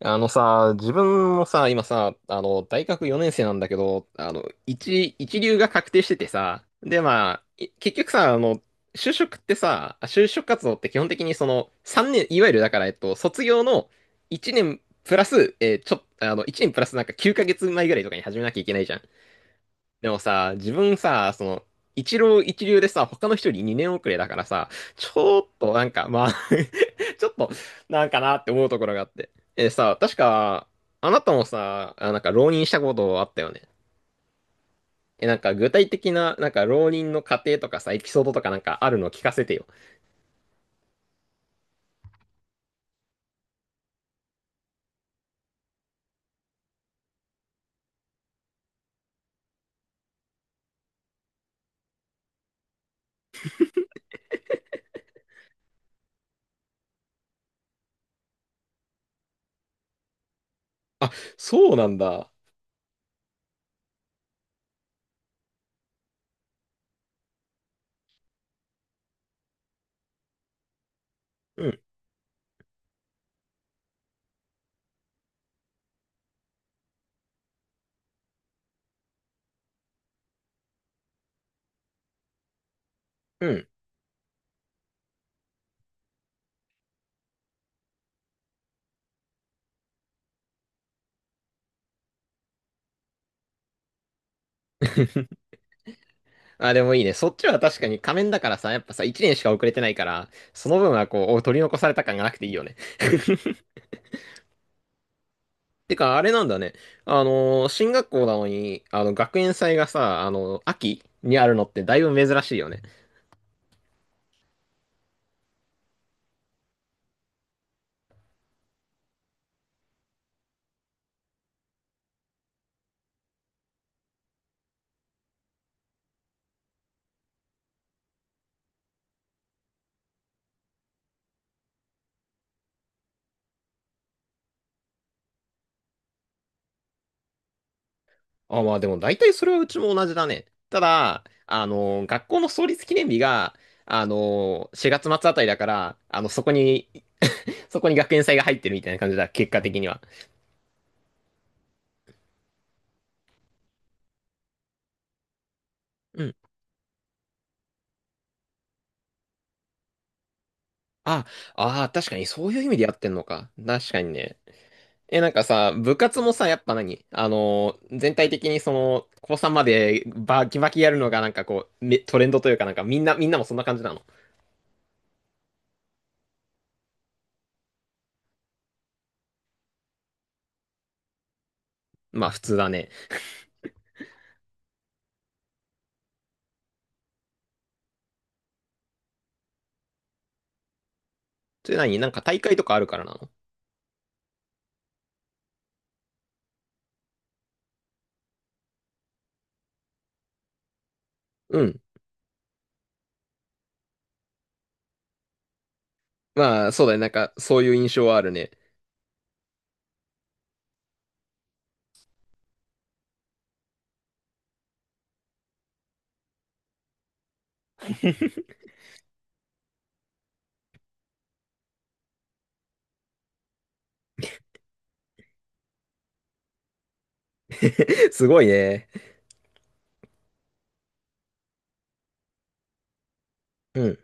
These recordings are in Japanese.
あのさ、自分もさ、今さ、大学4年生なんだけど、一流が確定しててさ、で、まあ、結局さ、就職活動って基本的にその、3年、いわゆるだから、卒業の1年プラス、えーちょ、あの、1年プラスなんか9ヶ月前ぐらいとかに始めなきゃいけないじゃん。でもさ、自分さ、その、一浪一流でさ、他の人より2年遅れだからさ、ちょっとなんか、まあ ちょっと、なんかなって思うところがあって。確か、あなたもさ、あ、なんか浪人したことあったよね。なんか具体的な、なんか浪人の過程とかさ、エピソードとかなんかあるの聞かせてよ。あ、そうなんだ。うん、うん。あ、でもいいね。そっちは確かに仮面だからさ、やっぱさ、1年しか遅れてないから、その分はこう、取り残された感がなくていいよね。てか、あれなんだね。進学校なのに、学園祭がさ、秋にあるのってだいぶ珍しいよね。あ、まあでも大体それはうちも同じだね。ただ、学校の創立記念日が、4月末あたりだから、そこに そこに学園祭が入ってるみたいな感じだ、結果的には。うん。あ、ああ、確かにそういう意味でやってんのか。確かにね。なんかさ、部活もさ、やっぱ何あのー全体的にその、高3までバキバキやるのがなんかこう、トレンドというかなんかみんなもそんな感じなの。まあ普通だね。それなんか大会とかあるからなの？うん。まあそうだね。なんかそういう印象はあるね。すごいね。うん。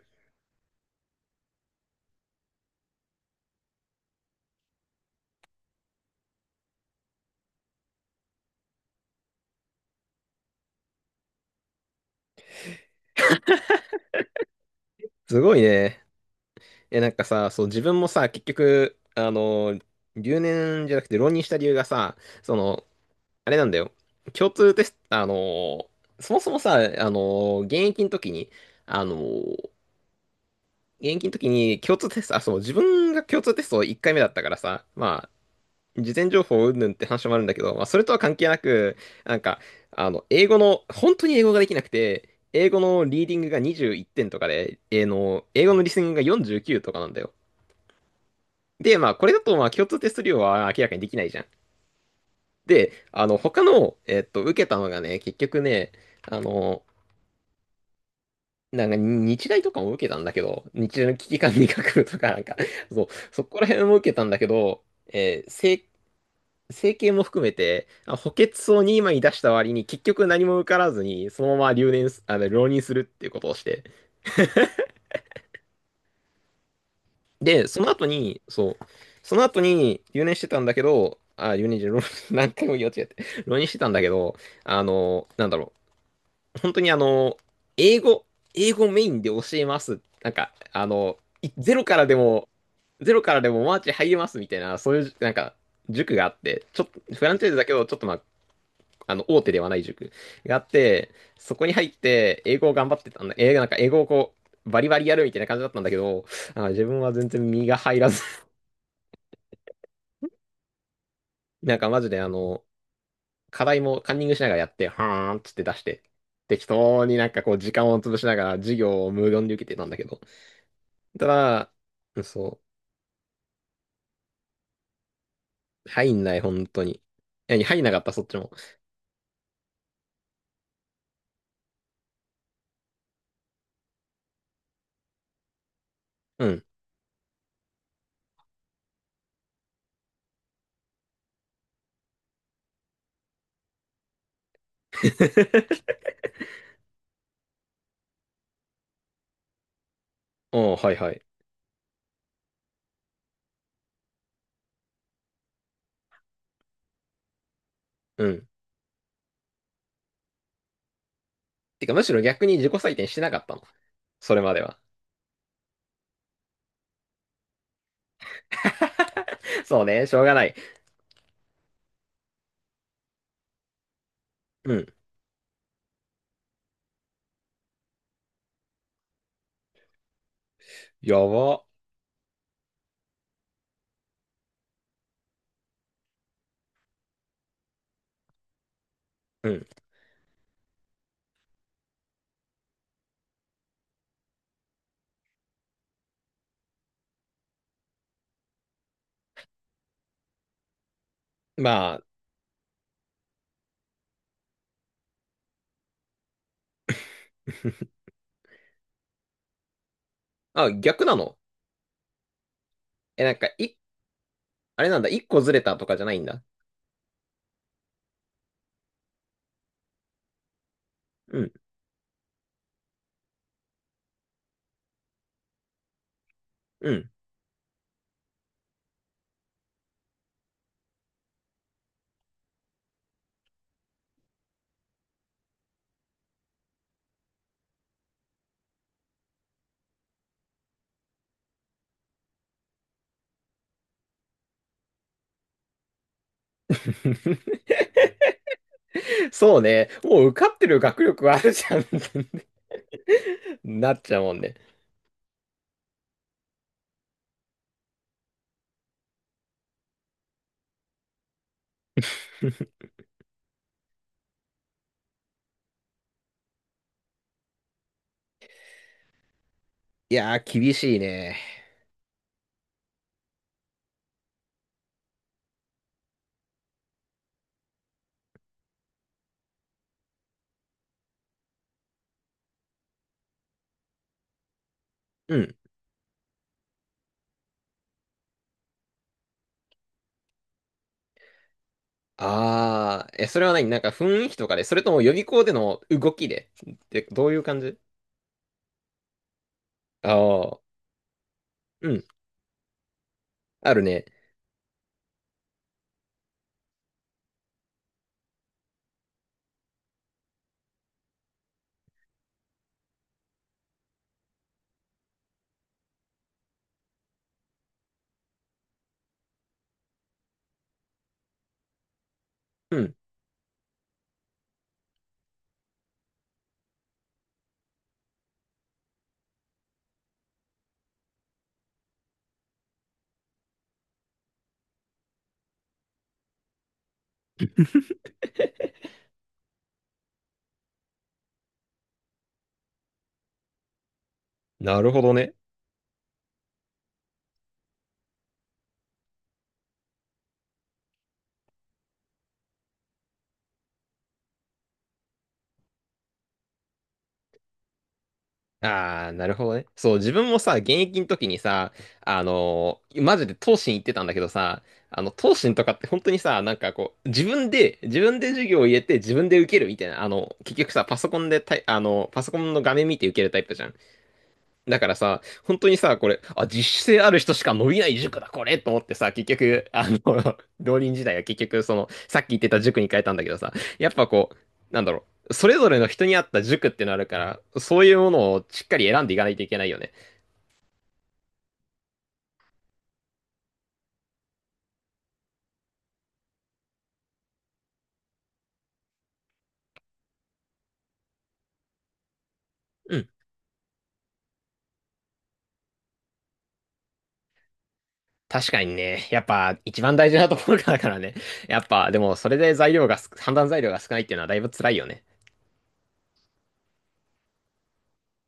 すごいね。なんかさ、そう、自分もさ、結局、留年じゃなくて浪人した理由がさ、その、あれなんだよ。共通テスト、ーそもそもさ、の現役の時に、あのー共通テスト、あ、そう、自分が共通テスト1回目だったからさ、まあ、事前情報云々って話もあるんだけど、まあ、それとは関係なく、なんか、英語の、本当に英語ができなくて、英語のリーディングが21点とかで、えーの、英語のリスニングが49とかなんだよ。で、まあ、これだと、まあ、共通テスト量は明らかにできないじゃん。で、他の、受けたのがね、結局ね、あの、なんか日大とかも受けたんだけど、日大の危機管理学部とかなんか、そう、そこら辺も受けたんだけど、整形も含めて、補欠層に今に出した割に結局何も受からずに、そのまま留年す、あの、浪人するっていうことをして。で、その後に、そう、その後に留年してたんだけど、あ、留年じゃ、浪 何回も言い間違えて、浪人してたんだけど、なんだろう、本当に英語、英語メインで教えます。なんか、いゼロからでも、ゼロからでもマーチ入れますみたいな、そういう、なんか、塾があって、ちょっと、フランチャイズだけど、ちょっとまあ、大手ではない塾があって、そこに入って、英語を頑張ってたんだ。なんか英語をこう、バリバリやるみたいな感じだったんだけど、自分は全然身が入らず、なんかマジで課題もカンニングしながらやって、はーんっつって出して、適当になんかこう時間を潰しながら授業を無言で受けてたんだけど、ただ、うんそう。入んない、本当に。何、入んなかった、そっちも。うん。おー、はいはい。うん。てか、むしろ逆に自己採点してなかったの？それまでは。そうね、しょうがない。うん。やば。うん。まあ、あ、逆なの？なんか、あれなんだ、一個ずれたとかじゃないんだ。うん、うん。そうね、もう受かってる学力あるじゃん なっちゃうもんね。いやー、厳しいね。うん。ああ、それはなんか雰囲気とかで、それとも予備校での動きでってどういう感じ？ああー、うん、あるね。うん、なるほどね。ああ、なるほどね。そう、自分もさ、現役の時にさ、マジで東進行ってたんだけどさ、東進とかって本当にさ、なんかこう、自分で授業を入れて自分で受けるみたいな、結局さ、パソコンでタイ、あの、パソコンの画面見て受けるタイプじゃん。だからさ、本当にさ、これ、あ、自主性ある人しか伸びない塾だ、これと思ってさ、結局、浪人時代は結局、その、さっき言ってた塾に変えたんだけどさ、やっぱこう、なんだろう、それぞれの人に合った塾ってのあるから、そういうものをしっかり選んでいかないといけないよね。うん。確かにね、やっぱ一番大事なところだからね。やっぱ、でもそれで材料がす、判断材料が少ないっていうのはだいぶ辛いよね。